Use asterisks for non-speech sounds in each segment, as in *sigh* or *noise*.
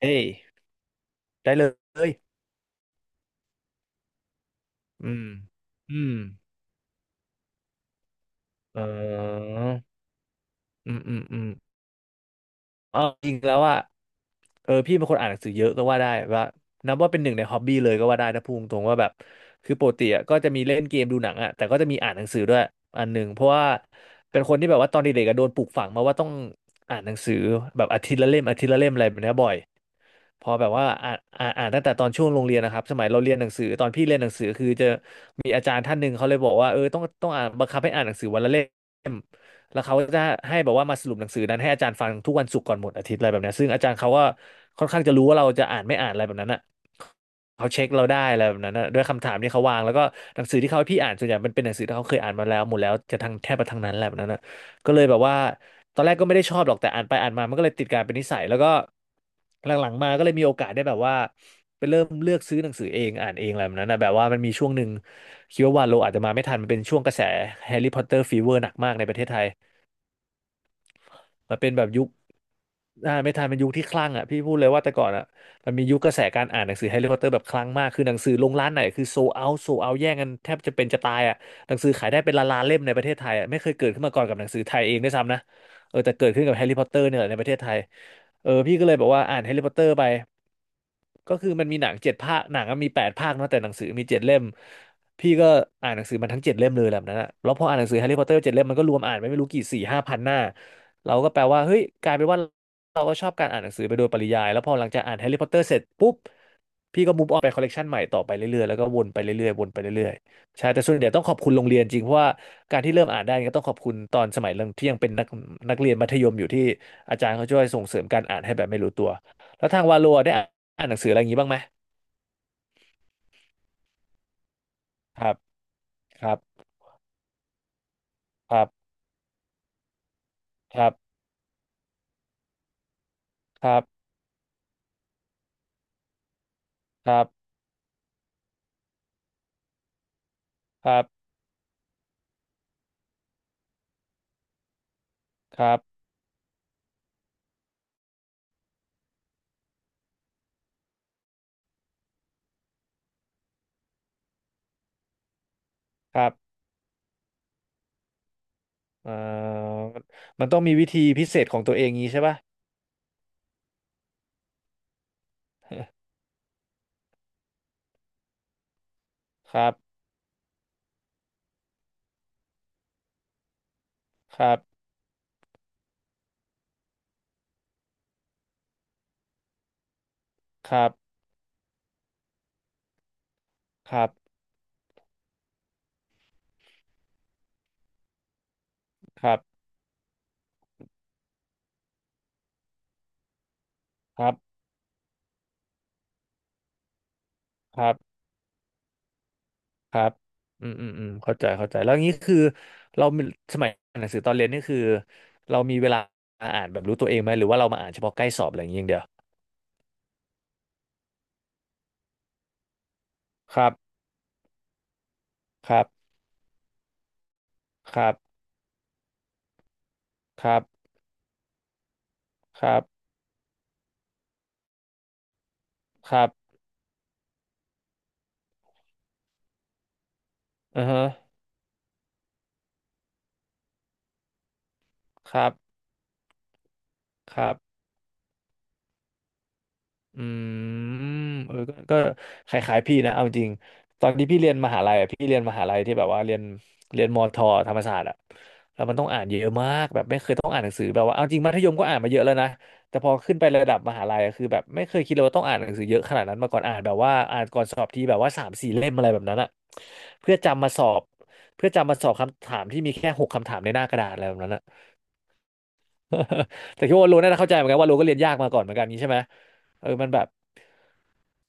เอ้ยได้เลย อืม อืมเอออืม อืม อืม เออจริงแล้วอ่ะเออพี่เป็นคนอ่านหนังสือเยอะก็ว่าได้ว่านับว่าเป็นหนึ่งในฮอบบี้เลยก็ว่าได้นะพูดตรงๆว่าแบบคือปกติอะก็จะมีเล่นเกมดูหนังอ่ะแต่ก็จะมีอ่านหนังสือด้วยอันหนึ่งเพราะว่าเป็นคนที่แบบว่าตอนเด็กๆอะโดนปลูกฝังมาว่าต้องอ่านหนังสือแบบอาทิตย์ละเล่มอาทิตย์ละเล่มอะไรแบบเนี้ยบ่อยพอแบบว่าอ่านอ่านอ่านตั้งแต่ตอนช่วงโรงเรียนนะครับสมัยเราเรียนหนังสือตอนพี่เรียนหนังสือคือจะมีอาจารย์ท่านหนึ่งเขาเลยบอกว่าเออต้องอ่านบังคับให้อ่านหนังสือวันละเล่ม แล้วเขาจะให้แบบว่ามาสรุปหนังสือนั้นให้อาจารย์ฟังทุกวันศุกร์ก่อนหมดอาทิตย์อะไรแบบเนี้ยซึ่งอาจารย์เขาก็ค่อนข้างจะรู้ว่าเราจะอ่านไม่อ่านอะไรแบบนั้นอ่ะเขาเช็คเราได้อะไรแบบนั้นอะด้วยคำถามที่เขาวางแล้วก็หนังสือที่เขาให้พี่อ่านส่วนใหญ่มันเป็นหนังสือที่เขาเคยอ่านมาแล้วหมดแล้วจะทั้งแทบจะทั้งนั้นแหละแบบนั้นอะก็เลยแบบว่าตอนแรกก็ไม่ได้ชอบหรอกแต่อ่านไปอ่านมามันก็เลยติดกลายเป็นนิสัยแล้วก็หลังๆมาก็เลยมีโอกาสได้แบบว่าไปเริ่มเลือกซื้อหนังสือเองอ่านเองอะไรแบบนั้นนะแบบว่ามันมีช่วงหนึ่งคิดว่าวาโลอาจจะมาไม่ทันมันเป็นช่วงกระแสแฮร์รี่พอตเตอร์ฟีเวอร์หนักมากในประเทศไทย มันเป็นแบบยุค อ่านไม่ทันเป็นยุคที่คลั่งอ่ะพี่พูดเลยว่าแต่ก่อนอ่ะมันมียุคกระแสการอ่านหนังสือแฮร์รี่พอตเตอร์แบบคลั่งมากคือหนังสือลงร้านไหนคือโซเอาโซเอาแย่งกันแทบจะเป็นจะตายอ่ะหนังสือขายได้เป็นล้านๆเล่มในประเทศไทยอ่ะไม่เคยเกิดขึ้นมาก่อนกับหนังสือไทยเองด้วยซ้ำนะเออแต่เกิดขึ้นกับแฮร์รี่พอตเตอร์เนี่ยแหละในประเทศไทยเออพี่ก็เลยบอกว่าอ่านแฮร์รี่พอตเตอร์ไปก็คือมันมีหนังเจ็ดภาคหนังอะมีแปดภาคเนาะแต่หนังสือมีเจ็ดเล่มพี่ก็อ่านหนังสือมันทั้งเจ็ดเล่มเลยแบบนั้นอะแล้วพออ่านหนังสือแฮร์รี่พอตเตอร์เจ็ดเล่มมันก็รวมอ่านไปไม่รู้กี่สี่ห้าพันหน้าเราก็แปลว่าเฮ้ยกลายเป็นว่า เราก็ชอบการอ่านหนังสือไปโดยปริยายแล้วพอหลังจากอ่านแฮร์รี่พอตเตอร์เสร็จปุ๊บพี่ก็มูฟออนไปคอลเลกชันใหม่ต่อไปเรื่อยๆแล้วก็วนไปเรื่อยๆวนไปเรื่อยๆใช่แต่ส่วนใหญ่ต้องขอบคุณโรงเรียนจริงเพราะว่าการที่เริ่มอ่านได้ก็ต้องขอบคุณตอนสมัยเรื่องที่ยังเป็นนักเรียนมัธยมอยู่ที่อาจารย์เขาช่วยส่งเสริมการอ่านให้แบบไม่รู้ตัวแล้วทางวาโลได้อ่านหนังสืออะไรอย่างนี้บ้างไหมครับครับครับครับครับครับครับครับครับเอ่อมันต้องมีวิธีพิเศษของตัวเองงี้ใช่ป่ะครับครับครับ ครับครับครับครับครับอืมอืมอืมเข้าใจเข้าใจแล้วงี้คือเรามีสมัยอ่านหนังสือตอนเรียนนี่คือเรามีเวลาอ่านแบบรู้ตัวเองไหม หรือว่าเรามาอ่านเฉพาะใกล้สอบอะไรอย่างเงี้ยอย่างเดียวครับครับครับครับครับครับครับอือฮะครับครับ อืมเออก็คล้ายๆพี่นะเอาจริงตอนที่พี่เรียนมหาลัยอะพี่เรียนมหาลัยที่แบบว่าเรียนมอทอธรรมศาสตร์อะแล้วมันต้องอ่านเยอะมากแบบไม่เคยต้องอ่านหนังสือแบบว่าเอาจริงมัธยมก็อ่านมาเยอะแล้วนะแต่พอขึ้นไประดับมหาลัยอะคือแบบไม่เคยคิดเลยว่าต้องอ่านหนังสือเยอะขนาดนั้นมาก่อนอ่านแบบว่าอ่านก่อนสอบทีแบบว่าสามสี่เล่มอะไรแบบนั้นอะเพื่อจำมาสอบเพื่อจำมาสอบคำถามที่มีแค่หกคำถามในหน้ากระดาษอะไรแบบนั้นอะ *laughs* แต่คิดว่าโลน่าจะเข้าใจเหมือนกันว่าโลก็เรียนยากมาก่อนเหมือนกันนี้ใช่ไหมมันแบบ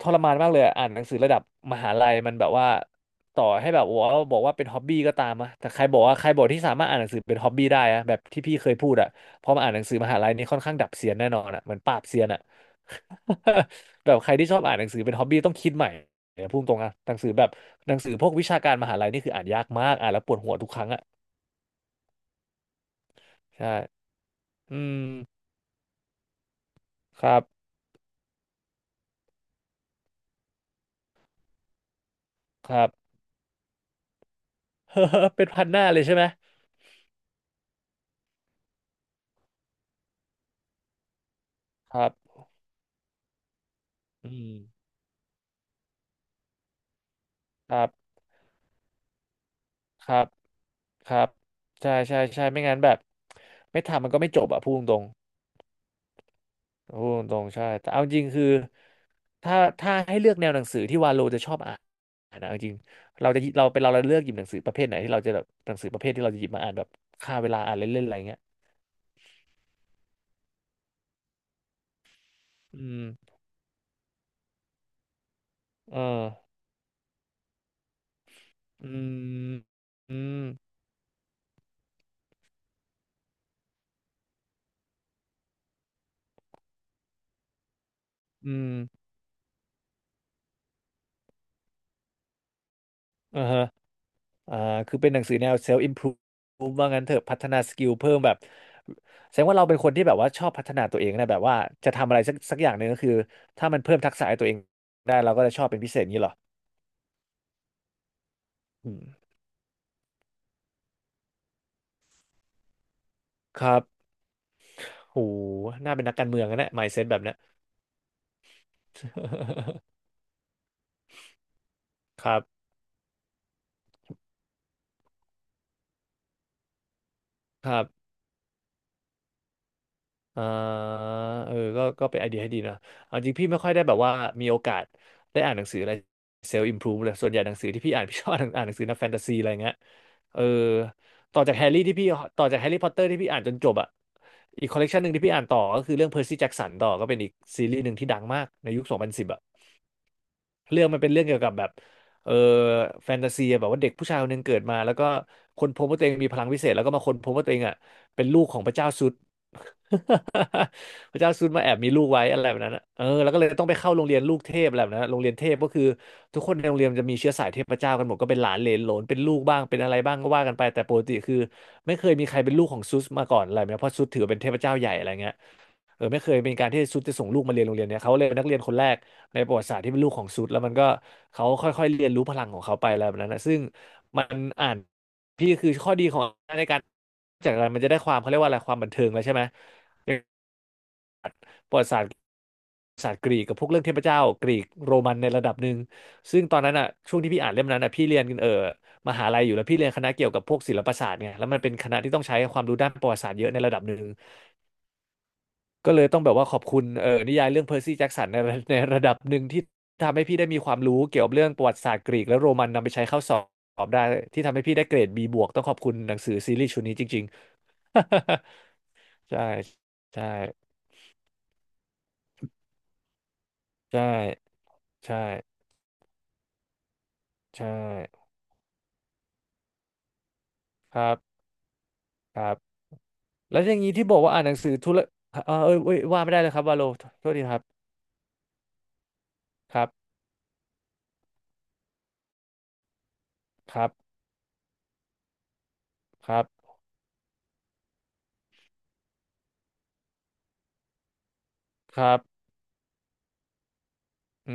ทรมานมากเลยอะอ่านหนังสือระดับมหาลัยมันแบบว่าต่อให้แบบว่าบอกว่าเป็นฮ็อบบี้ก็ตามอะแต่ใครบอกว่าใครบอกที่สามารถอ่านหนังสือเป็นฮ็อบบี้ได้อะแบบที่พี่เคยพูดอะพอมาอ่านหนังสือมหาลัยนี่ค่อนข้างดับเซียนแน่นอนอะเหมือนปราบเซียนอะ *laughs* แบบใครที่ชอบอ่านหนังสือเป็นฮ็อบบี้ต้องคิดใหม่เนี่ยพูดตรงอะหนังสือแบบหนังสือพวกวิชาการมหาลัยนี่คืออ่านยากมากอ่านแล้วปวดหัวทุกครั้งอะใช่อืมครับครับ *laughs* เฮ้อเป็นพันหน้าเลยใช่ไหมครับอืมครับครับ ครับ ใช่ใช่ใช่ไม่งั้นแบบไม่ทำมันก็ไม่จบอ่ะพูดตรงๆพูดตรงๆใช่ แต่เอาจริงคือถ้าถ้าให้เลือกแนวหนังสือที่วาโลจะชอบอ่านนะเอาจริงเราจะเราเป็นเราเราเลือกหยิบหนังสือประเภทไหนที่เราจะแบบหนังสือประเภทที่เราจะหยิบมาอ่านแบบฆ่าเวลาอ่านเล่นๆอะไรเงี้ยอืมเอออืมอืมอืมเออ อ่าคือเป็นหนังสือแนว self improve ว่างั้นเถอะพัฒนาสกิลเพิ่มแบบ แสดงว่าเราเป็นคนที่แบบว่าชอบพัฒนาตัวเองนะ แบบว่าจะทำอะไรสักอย่างหนึ่งก็คือถ้ามันเพิ่มทักษะให้ตัวเองได้เราก็จะชอบเป็นพิเศษอย่างนี้เหรออืมครับโหน่าเป็นนักการเมืองนะเนี่ย mindset แบบเนี้ย *laughs* ครับ ครับ อ่าก็เป็นไอเดียให้ดีนะเอาจริงพี่ไม่ค่อยได้แบบว่ามีโอกาสได้อ่านหนังสืออะไรเซลล์อิมพรูฟเลยส่วนใหญ่หนังสือที่พี่อ่านพี่ชอบอ่าน *laughs* อ่านหนังสือแนวแฟนตาซีอะไรเงี้ยเออต่อจากแฮร์รี่ที่พี่ต่อจากแฮร์รี่พอตเตอร์ที่พี่อ่านจนจบอ่ะอีกคอลเลกชันหนึ่งที่พี่อ่านต่อก็คือเรื่องเพอร์ซี่แจ็กสันต่อก็เป็นอีกซีรีส์หนึ่งที่ดังมากในยุค2010อ่ะ เรื่องมันเป็นเรื่องเกี่ยวกับแบบเออแฟนตาซีอะแบบว่าเด็กผู้ชายคนหนึงเกิดมาแล้วก็ค้นพบว่าตัวเองมีพลังวิเศษแล้วก็มาค้นพบว่าตัวเองอ่ะเป็นลูกของพระเจ้าซุด *laughs* พระเจ้าซุดมาแอบมีลูกไว้อะไรแบบนั้นอะเออแล้วก็เลยต้องไปเข้าโรงเรียนลูกเทพอะไรแบบนั้นอะโรงเรียนเทพก็คือทุกคนในโรงเรียนจะมีเชื้อสายเทพเจ้ากันหมดก็เป็นหลานเหลนโหลนเป็นลูกบ้างเป็นอะไรบ้างก็ว่ากันไปแต่ปกติคือไม่เคยมีใครเป็นลูกของซุสมาก่อนอะไรแบบเนี้ยเพราะซุสถือว่าเป็นเทพเจ้าใหญ่อะไรเงี้ยเออไม่เคยเป็นการที่ซุสจะส่งลูกมาเรียนโรงเรียนเนี้ยเขาเลยเป็นนักเรียนคนแรก ในประวัติศาสตร์ที่เป็นลูกของซุดแล้วมันก็เขาค่อยๆเรียนรู้พลังของเขาไปอะไรแบบนั้นนะซึ่งมันอ่านพี่คือข้อดีของในการจากอะไรมันจะได้ความเขาเรียกว่าอะไรความบันเทิงแล้วใช่ไหมอย่างประวัติศาสตร์ศาสตร์กรีกกับพวกเรื่องเทพเจ้ากรีกโรมันในระดับหนึ่งซึ่งตอนนั้นอ่ะช่วงที่พี่อ่านเล่มนั้นอ่ะพี่เรียนมหาลัยอยู่แล้วพี่เรียนคณะเกี่ยวกับพวกศิลปศาสตร์ไงแล้วมันเป็นคณะที่ต้องใช้ความรู้ด้านประวัติศาสตร์เยอะในระดับหนึ่ง ก็เลยต้องแบบว่าขอบคุณเออนิยายเรื่องเพอร์ซี่แจ็กสันใน *laughs* ในระดับหนึ่งที่ทำให้พี่ได้มีความรู้เกี่ยวกับเรื่องประวัติศาสตร์กรีกและโรมันนำไปใช้เข้าสอบได้ที่ทำให้พี่ได้เกรด B บวกต้องขอบคุณหนังสือซีรีส์ชุดนี้จริงๆ *laughs* ใช่ใช่ใช่ใช่ใช่ครับครับแล้วอย่างนี้ที่บอกว่าอ่านหนังสือธุระเออเอ้ยว่าไม่ได้เลยครับวาโลโทษทีครับครับครับครับครับอื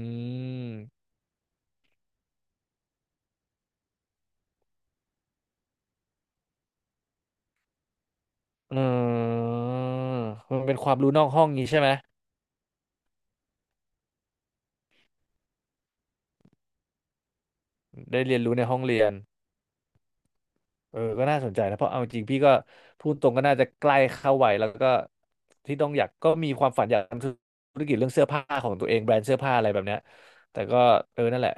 มเออมันเป็นความรู้นอกห้องนี้ใช่ไหม ได้เรียนรู้ในห้องเรียนเออก็น่าสนใจนะเพราะเอาจริงพี่ก็พูดตรงก็น่าจะใกล้เข้าวัยแล้วก็ที่ต้องอยากก็มีความฝันอยากทำธุรกิจเรื่องเสื้อผ้าของตัวเองแบรนด์เสื้อผ้าอะไรแบบเนี้ยแต่ก็เออนั่นแหละ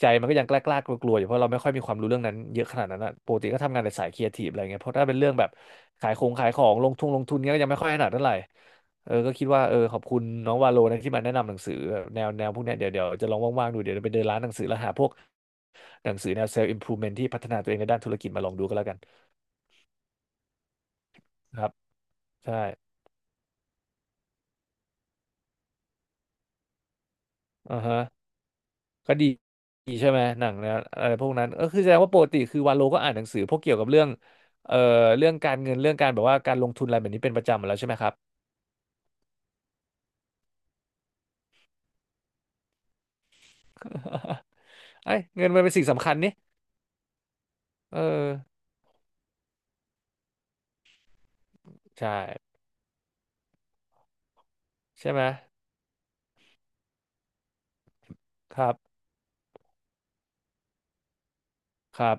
ใจมันก็ยังกล้ากลัวกลัวๆอยู่เพราะเราไม่ค่อยมีความรู้เรื่องนั้นเยอะขนาดนั้นอะปกติก็ทำงานในสายครีเอทีฟอะไรเงี้ยเพราะถ้าเป็นเรื่องแบบขายของลงทุนเงี้ยก็ยังไม่ค่อยถนัดเท่าไหร่เออก็คิดว่าเออขอบคุณน้องวาโลนะที่มาแนะนำหนังสือแบบแนวพวกเนี้ยเดี๋ยวจะลองว่างๆดูเดี๋ยวจะไปเดินร้านหนังสือแล้วหาพวก หนังสือแนว self improvement ที่พัฒนาตัวเองในด้านธุรกิจมาลองดูก็แล้วกันครับใช่อ่าฮะก็ดีดีใช่ไหมหนังแนวอะไรพวกนั้นก็คือแสดงว่าปกติคือวาโลก็อ่านหนังสือพวกเกี่ยวกับเรื่องเอ่อเรื่องการเงินเรื่องการแบบว่าการลงทุนอะไรแบบนี้เป็นประจำอยู่แล้วใช่ไหมครับ *laughs* ไอ้ *laughs* ยเงินมันเป็นสิ่งสำคัญนี่เออใช่ใช่ไหมครับครับ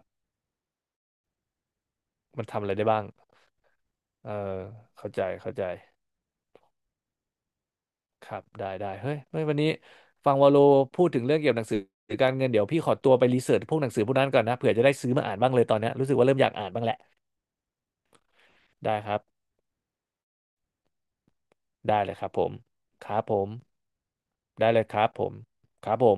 มันทำอะไรได้บ้างเออเข้าใจเข้าใจ ครับได้ได้เฮ้ยวันนี้ฟังวาโลพูดถึงเรื่องเกี่ยวกับหนังสือการเงินเดี๋ยวพี่ขอตัวไปรีเสิร์ชพวกหนังสือพวกนั้นก่อนนะเผื่อจะได้ซื้อมาอ่านบ้างเลยตอนเนี้ยรู้สึกว่าเริ่มอยากอ่านบ้างแหละได้ครับได้เลยครับผมครับผมได้เลยครับผมครับผม